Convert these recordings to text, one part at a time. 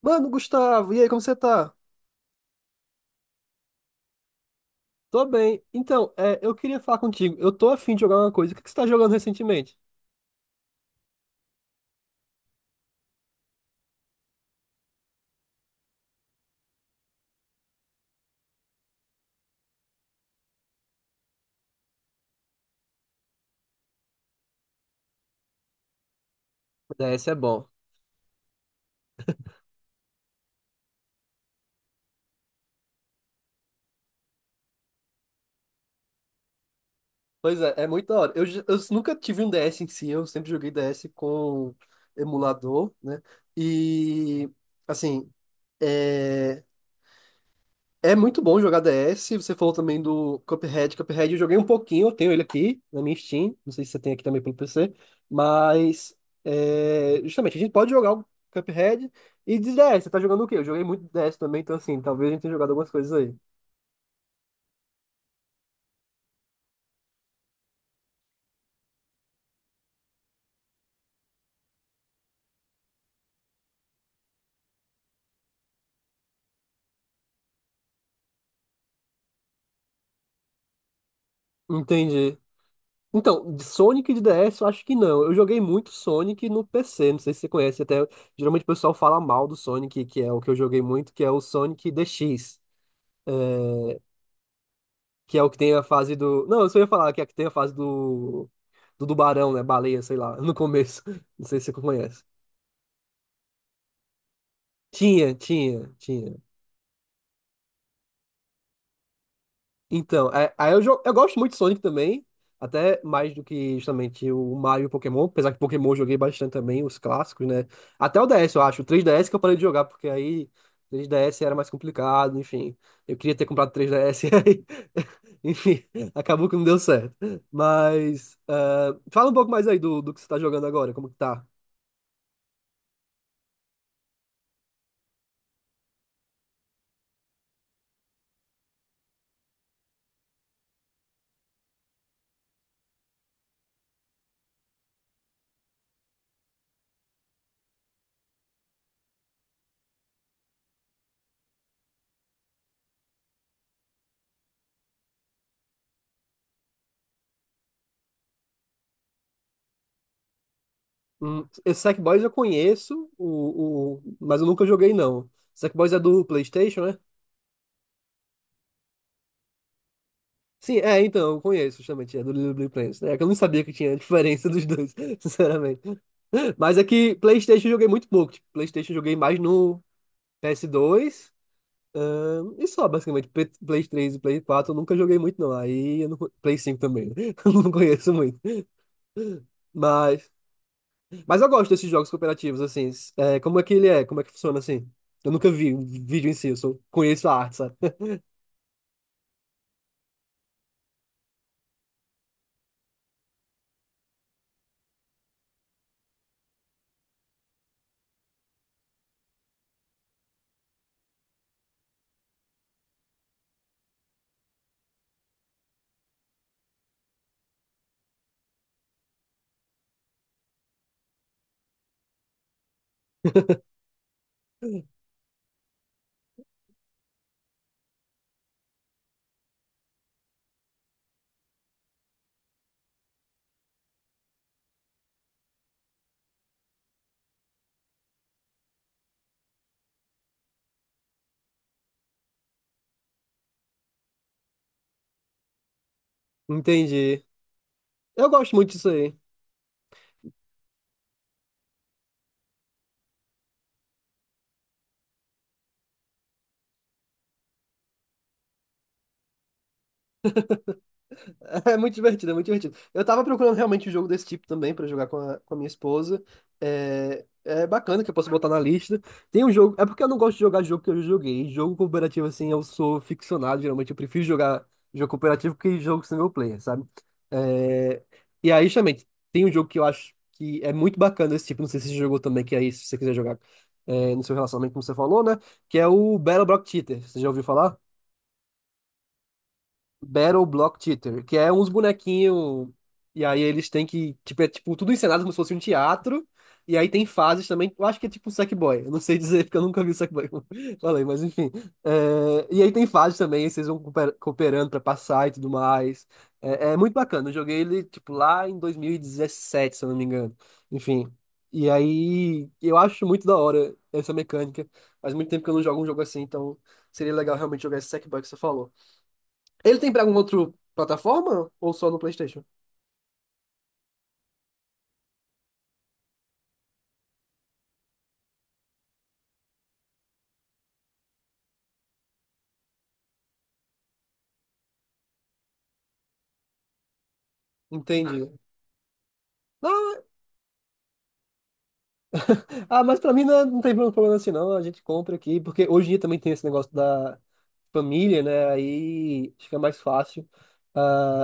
Mano, Gustavo, e aí, como você tá? Tô bem. Então, eu queria falar contigo. Eu tô afim de jogar uma coisa. O que que você tá jogando recentemente? É, esse é bom. Pois é, é muito da hora. Eu nunca tive um DS em si, eu sempre joguei DS com emulador, né? E, assim, é, é muito bom jogar DS. Você falou também do Cuphead. Cuphead eu joguei um pouquinho, eu tenho ele aqui na minha Steam. Não sei se você tem aqui também pelo PC. Mas, justamente, a gente pode jogar o Cuphead e de DS. Você tá jogando o quê? Eu joguei muito DS também, então, assim, talvez a gente tenha jogado algumas coisas aí. Entendi. Então, de Sonic de DS eu acho que não. Eu joguei muito Sonic no PC, não sei se você conhece, até geralmente o pessoal fala mal do Sonic, que é o que eu joguei muito, que é o Sonic DX, que é o que tem a fase do. Não, eu só ia falar que é a que tem a fase do. Do tubarão, né? Baleia, sei lá, no começo. Não sei se você conhece. Tinha, tinha, tinha. Então, aí eu gosto muito de Sonic também, até mais do que justamente o Mario e o Pokémon, apesar que Pokémon eu joguei bastante também, os clássicos, né? Até o DS, eu acho, o 3DS que eu parei de jogar, porque aí 3DS era mais complicado, enfim. Eu queria ter comprado 3DS e aí, enfim, acabou que não deu certo. Mas, ah, fala um pouco mais aí do que você tá jogando agora, como que tá? Esse Sackboys eu conheço, mas eu nunca joguei não. Sackboys é do PlayStation, né? Sim, então, eu conheço justamente, é do Little Big Planet, né? É que eu não sabia que tinha diferença dos dois, sinceramente. Mas é que PlayStation eu joguei muito pouco. Tipo, PlayStation eu joguei mais no PS2, e só, basicamente. Play 3 e Play 4 eu nunca joguei muito, não. Aí eu não, Play 5 também, né? Eu não conheço muito. Mas, mas eu gosto desses jogos cooperativos, assim. É, como é que ele é? Como é que funciona assim? Eu nunca vi um vídeo em si, eu só conheço a arte, sabe? Entendi. Eu gosto muito disso aí. É muito divertido, é muito divertido. Eu tava procurando realmente um jogo desse tipo também pra jogar com a minha esposa. É bacana que eu posso botar na lista. Tem um jogo. É porque eu não gosto de jogar jogo que eu já joguei. Jogo cooperativo, assim, eu sou ficcionado. Geralmente eu prefiro jogar jogo cooperativo que jogo single player, sabe? É, e aí, justamente, tem um jogo que eu acho que é muito bacana esse tipo. Não sei se você jogou também, que aí, se você quiser jogar no seu relacionamento, como você falou, né? Que é o Battle Block Theater. Você já ouviu falar? Battle Block Theater, que é uns bonequinhos. E aí eles têm que. Tipo, é tipo tudo encenado como se fosse um teatro. E aí tem fases também. Eu acho que é tipo Sackboy. Eu não sei dizer, porque eu nunca vi o Sackboy, como eu falei, mas enfim. E aí tem fases também, vocês vão cooperando pra passar e tudo mais. É muito bacana. Eu joguei ele, tipo, lá em 2017, se eu não me engano. Enfim. E aí eu acho muito da hora essa mecânica. Faz muito tempo que eu não jogo um jogo assim, então seria legal realmente jogar esse Sackboy que você falou. Ele tem pra alguma outra plataforma ou só no PlayStation? Entendi. Ah, mas pra mim não, não tem problema assim, não. A gente compra aqui, porque hoje em dia também tem esse negócio da família, né? Aí fica mais fácil. Ah,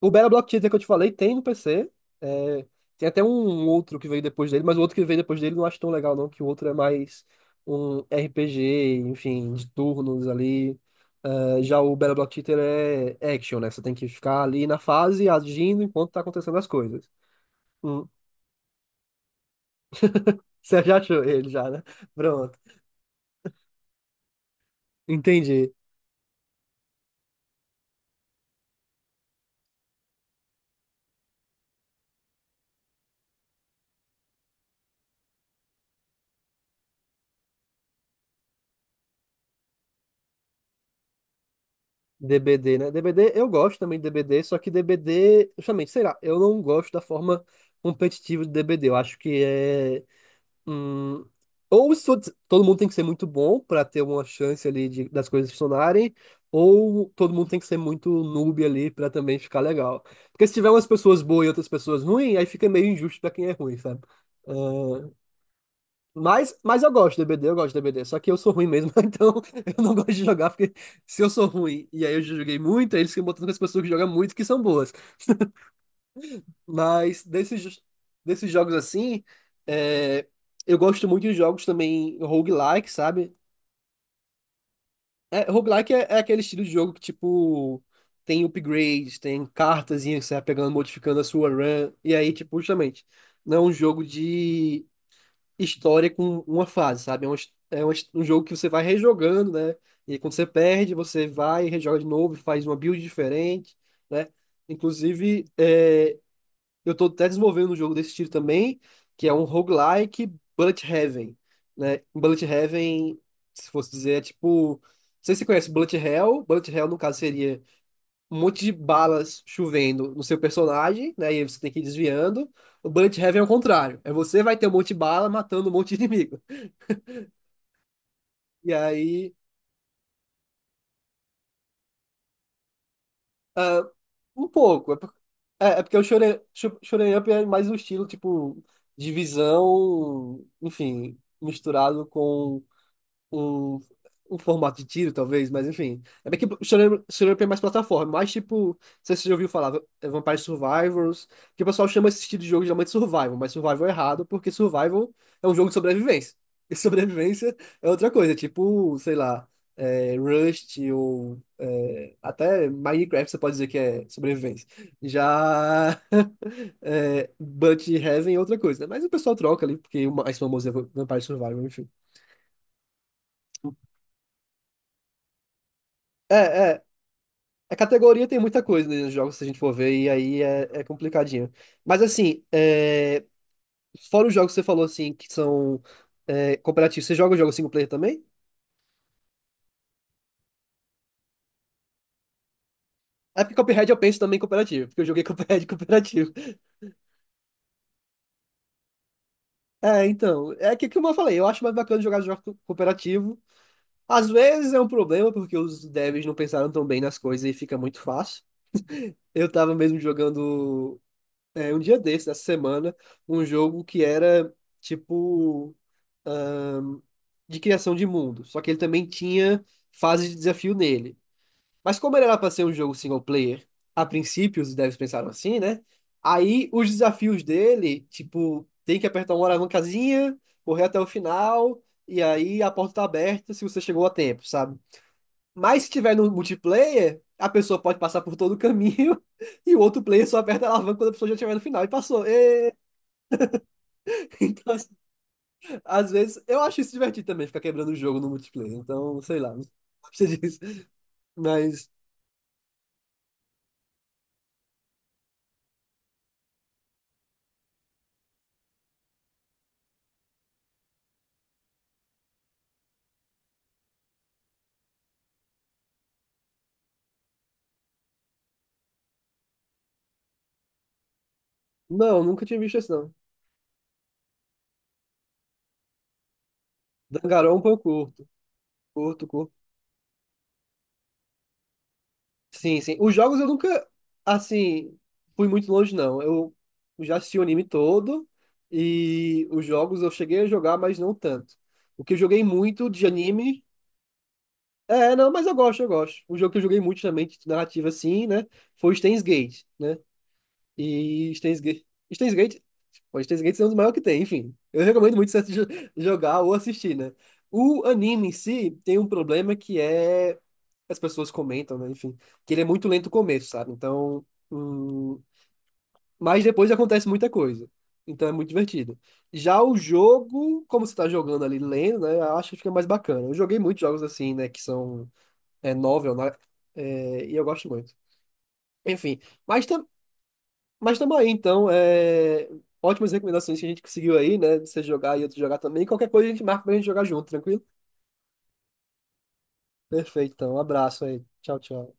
o Battle Block Theater que eu te falei tem no PC. é, tem até um outro que veio depois dele, mas o outro que veio depois dele eu não acho tão legal, não, que o outro é mais um RPG, enfim, de turnos ali. É, já o Battle Block Theater é action, né? Você tem que ficar ali na fase agindo enquanto tá acontecendo as coisas. Hum. Você já achou ele já, né? Pronto. Entendi. DBD, né? DBD, eu gosto também de DBD, só que DBD, justamente, sei lá, eu não gosto da forma competitiva de DBD. Eu acho que é. Hum, ou isso, todo mundo tem que ser muito bom para ter uma chance ali das coisas funcionarem, ou todo mundo tem que ser muito noob ali para também ficar legal. Porque se tiver umas pessoas boas e outras pessoas ruins, aí fica meio injusto para quem é ruim, sabe? Ah, mas eu gosto de DBD, eu gosto de D b d, só que eu sou ruim mesmo, então eu não gosto de jogar, porque se eu sou ruim e aí eu joguei muito, aí eles ficam botando com as pessoas que jogam muito que são boas. Mas desses jogos assim, é, eu gosto muito de jogos também roguelike, sabe? É, roguelike é aquele estilo de jogo que, tipo, tem upgrades, tem cartazinha que você vai pegando, modificando a sua run. E aí, tipo, justamente, não é um jogo de história com uma fase, sabe? É um jogo que você vai rejogando, né? E aí, quando você perde, você vai e rejoga de novo, faz uma build diferente, né? Inclusive, eu tô até desenvolvendo um jogo desse estilo também, que é um roguelike Bullet Heaven, né? Bullet Heaven, se fosse dizer, é tipo. Não sei se você conhece Bullet Hell. Bullet Hell, no caso, seria um monte de balas chovendo no seu personagem, né? E aí você tem que ir desviando. O Bullet Heaven é o contrário. É você vai ter um monte de bala matando um monte de inimigo. E aí. Ah, um pouco. É porque o Shonen Up é mais um estilo, tipo, de visão, enfim, misturado com o, o formato de tiro, talvez, mas enfim. É bem que o Shonen Jump é mais plataforma, mais tipo, não sei se você já ouviu falar, é Vampire Survivors, que o pessoal chama esse estilo de jogo geralmente de Survival, mas Survival é errado, porque Survival é um jogo de sobrevivência. E sobrevivência é outra coisa, tipo, sei lá, Rust ou até Minecraft você pode dizer que é sobrevivência. Já é, Heaven é outra coisa, né? Mas o pessoal troca ali, porque o mais famoso é Vampire Survival, enfim. É, é, A categoria tem muita coisa, né, nos jogos, se a gente for ver, e aí é complicadinho. Mas assim, fora os jogos que você falou assim, que são cooperativos, você joga o jogo single player também? É porque Cuphead eu penso também em cooperativo, porque eu joguei Cuphead cooperativo. É, então, é que, como eu falei, eu acho mais bacana jogar jogo cooperativo. Às vezes é um problema, porque os devs não pensaram tão bem nas coisas e fica muito fácil. Eu tava mesmo jogando. Um dia desse, essa semana, um jogo que era tipo ahn, de criação de mundo. Só que ele também tinha fase de desafio nele. Mas como ele era para ser um jogo single player, a princípio os devs pensaram assim, né? Aí os desafios dele, tipo, tem que apertar uma alavancazinha, correr até o final, e aí a porta tá aberta se você chegou a tempo, sabe? Mas se tiver no multiplayer, a pessoa pode passar por todo o caminho e o outro player só aperta a alavanca quando a pessoa já estiver no final e passou. Ê! Então, assim, às vezes, eu acho isso divertido também, ficar quebrando o jogo no multiplayer. Então, sei lá, não gosto disso. Mas, não, nunca tinha visto isso, não. Danganronpa eu curto. Curto, curto. Sim, sim. Os jogos eu nunca, assim, fui muito longe, não. Eu já assisti o anime todo e os jogos eu cheguei a jogar, mas não tanto. O que eu joguei muito de anime. É, não, mas eu gosto, eu gosto. Um jogo que eu joguei muito também, de narrativa assim, né? Foi o Steins Gate, né? E Steins Gate. Steins Gate. Pô, Steins Gate é um dos maiores que tem, enfim. Eu recomendo muito você jogar ou assistir, né? O anime em si tem um problema que é. As pessoas comentam, né? Enfim, que ele é muito lento no começo, sabe? Então. Mas depois acontece muita coisa. Então é muito divertido. Já o jogo, como você tá jogando ali lendo, né? Eu acho que fica mais bacana. Eu joguei muitos jogos assim, né? Que são novel, né? E eu gosto muito. Enfim, mas, tam, mas também, então, ótimas recomendações que a gente conseguiu aí, né? Você jogar e outro jogar também. Qualquer coisa a gente marca pra gente jogar junto, tranquilo? Perfeito, então. Um abraço aí. Tchau, tchau.